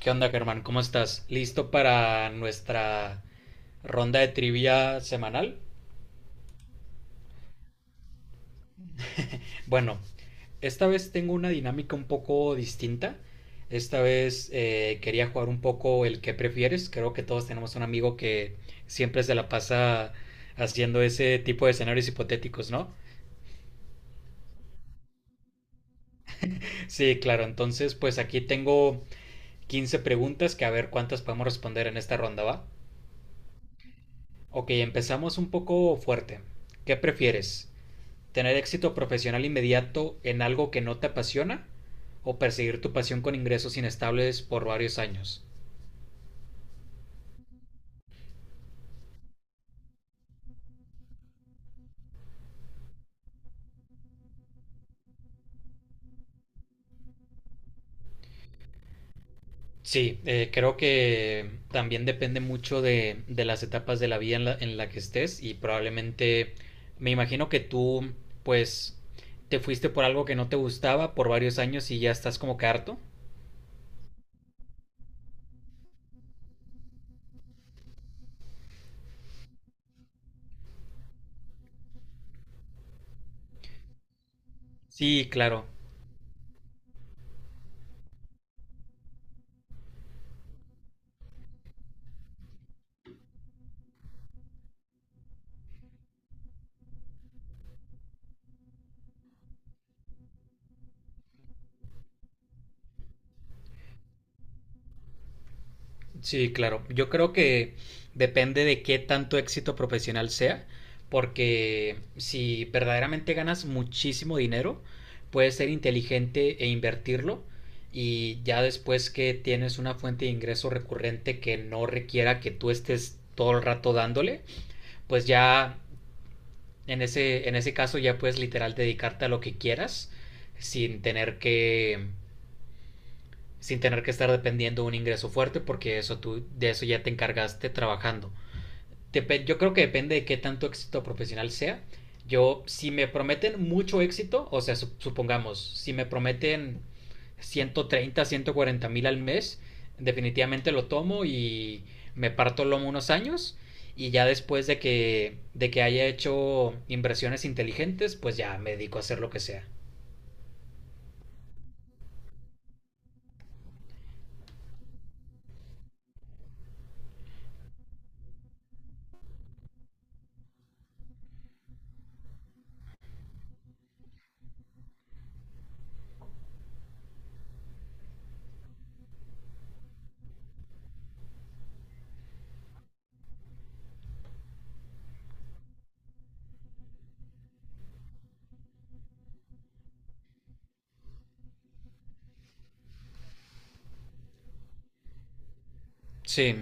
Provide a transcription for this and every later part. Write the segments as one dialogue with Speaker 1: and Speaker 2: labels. Speaker 1: ¿Qué onda, Germán? ¿Cómo estás? ¿Listo para nuestra ronda de trivia semanal? Bueno, esta vez tengo una dinámica un poco distinta. Esta vez quería jugar un poco el que prefieres. Creo que todos tenemos un amigo que siempre se la pasa haciendo ese tipo de escenarios hipotéticos, ¿no? Sí, claro. Entonces, pues aquí tengo 15 preguntas que a ver cuántas podemos responder en esta ronda, ¿va? Ok, empezamos un poco fuerte. ¿Qué prefieres? ¿Tener éxito profesional inmediato en algo que no te apasiona? ¿O perseguir tu pasión con ingresos inestables por varios años? Sí, creo que también depende mucho de las etapas de la vida en la que estés y probablemente me imagino que tú pues te fuiste por algo que no te gustaba por varios años y ya estás como que harto. Sí, claro. Sí, claro. Yo creo que depende de qué tanto éxito profesional sea, porque si verdaderamente ganas muchísimo dinero, puedes ser inteligente e invertirlo y ya después que tienes una fuente de ingreso recurrente que no requiera que tú estés todo el rato dándole, pues ya en ese caso ya puedes literal dedicarte a lo que quieras sin tener que estar dependiendo de un ingreso fuerte porque eso tú de eso ya te encargaste trabajando. Dep Yo creo que depende de qué tanto éxito profesional sea. Yo, si me prometen mucho éxito, o sea, supongamos, si me prometen 130.000, 140.000 al mes, definitivamente lo tomo y me parto el lomo unos años y ya después de que haya hecho inversiones inteligentes, pues ya me dedico a hacer lo que sea. Sí.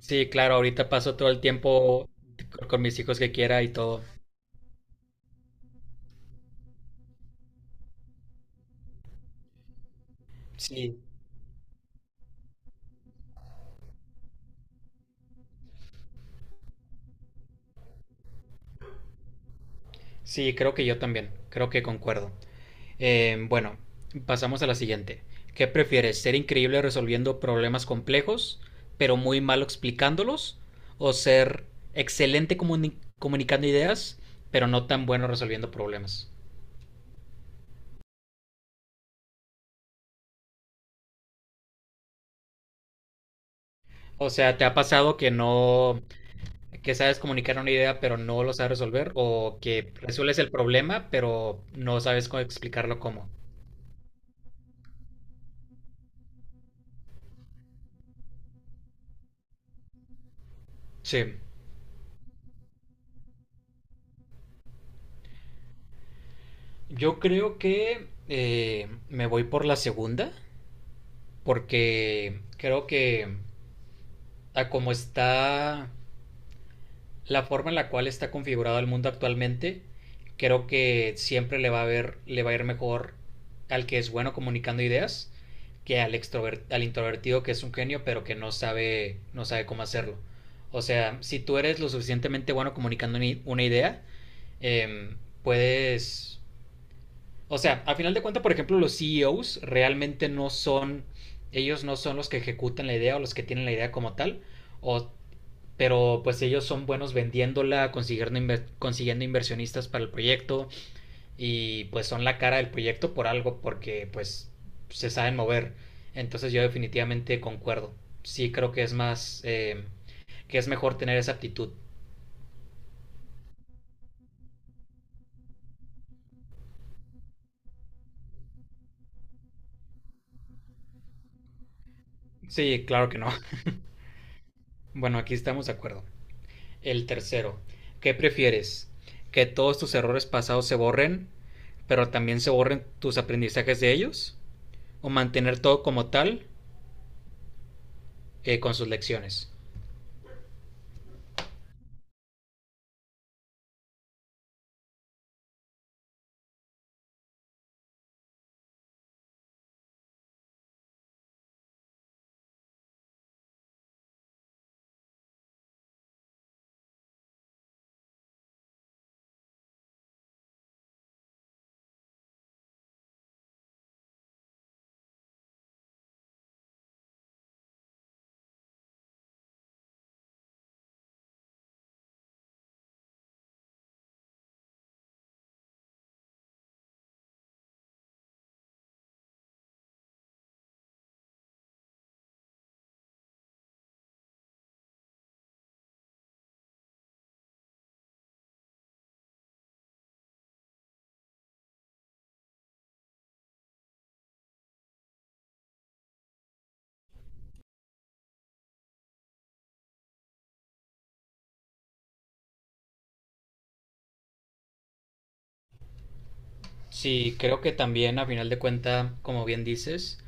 Speaker 1: Sí, claro, ahorita paso todo el tiempo con mis hijos que quiera y todo. Sí, sí, creo que yo también, creo que concuerdo. Bueno, pasamos a la siguiente. ¿Qué prefieres, ser increíble resolviendo problemas complejos, pero muy malo explicándolos, o ser excelente comunicando ideas, pero no tan bueno resolviendo problemas? O sea, ¿te ha pasado que no, que sabes comunicar una idea pero no lo sabes resolver o que resuelves el problema pero no sabes cómo explicarlo cómo? Sí, yo creo que me voy por la segunda porque creo que a como está la forma en la cual está configurado el mundo actualmente, creo que siempre le va a ir mejor al que es bueno comunicando ideas que al, al introvertido que es un genio pero que no sabe, no sabe cómo hacerlo. O sea, si tú eres lo suficientemente bueno comunicando una idea, em, puedes... O sea, a final de cuentas, por ejemplo, los CEOs realmente no son... Ellos no son los que ejecutan la idea o los que tienen la idea como tal, o pero pues ellos son buenos vendiéndola, consiguiendo inversionistas para el proyecto y pues son la cara del proyecto por algo porque pues se saben mover. Entonces yo definitivamente concuerdo. Sí creo que es más, que es mejor tener esa aptitud. Sí, claro que no. Bueno, aquí estamos de acuerdo. El tercero, ¿qué prefieres? ¿Que todos tus errores pasados se borren, pero también se borren tus aprendizajes de ellos? ¿O mantener todo como tal, con sus lecciones? Sí, creo que también a final de cuenta, como bien dices,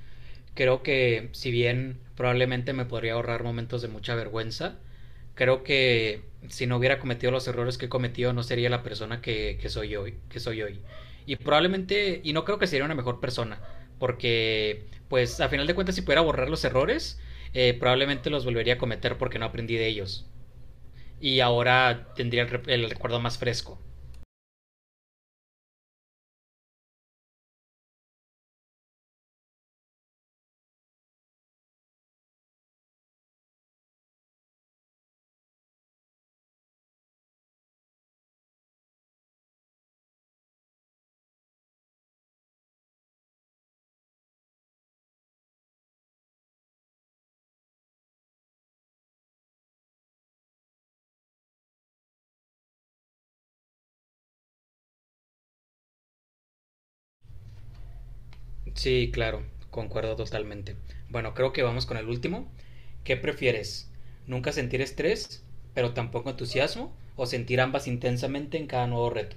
Speaker 1: creo que si bien probablemente me podría ahorrar momentos de mucha vergüenza, creo que si no hubiera cometido los errores que he cometido no sería la persona que soy hoy, que soy hoy. Y probablemente, y no creo que sería una mejor persona, porque pues a final de cuentas si pudiera borrar los errores, probablemente los volvería a cometer porque no aprendí de ellos. Y ahora tendría el recuerdo más fresco. Sí, claro, concuerdo totalmente. Bueno, creo que vamos con el último. ¿Qué prefieres? ¿Nunca sentir estrés, pero tampoco entusiasmo? ¿O sentir ambas intensamente en cada nuevo reto?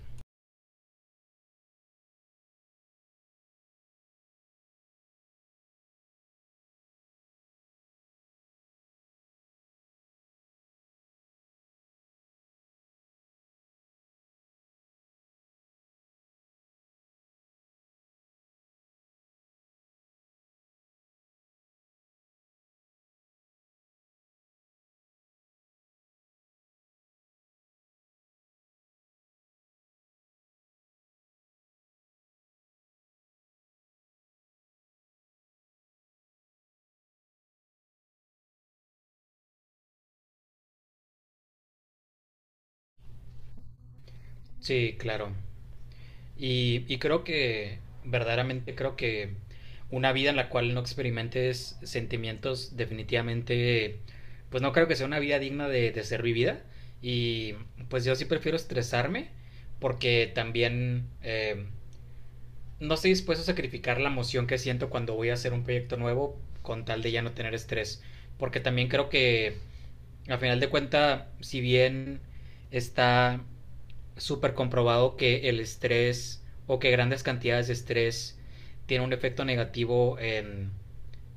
Speaker 1: Sí, claro. Y creo que, verdaderamente creo que una vida en la cual no experimentes sentimientos definitivamente, pues no creo que sea una vida digna de ser vivida. Y pues yo sí prefiero estresarme porque también... no estoy dispuesto a sacrificar la emoción que siento cuando voy a hacer un proyecto nuevo con tal de ya no tener estrés. Porque también creo que, a final de cuentas, si bien está súper comprobado que el estrés o que grandes cantidades de estrés tiene un efecto negativo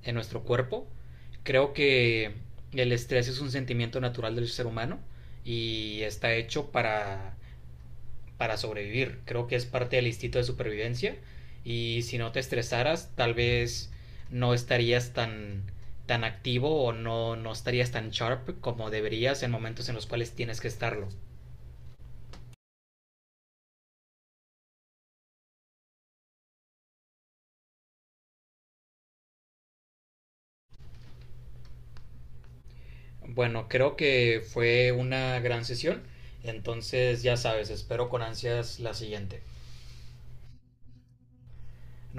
Speaker 1: en nuestro cuerpo, creo que el estrés es un sentimiento natural del ser humano y está hecho para sobrevivir. Creo que es parte del instinto de supervivencia y si no te estresaras, tal vez no estarías tan, tan activo o no, no estarías tan sharp como deberías en momentos en los cuales tienes que estarlo. Bueno, creo que fue una gran sesión, entonces ya sabes, espero con ansias la siguiente. No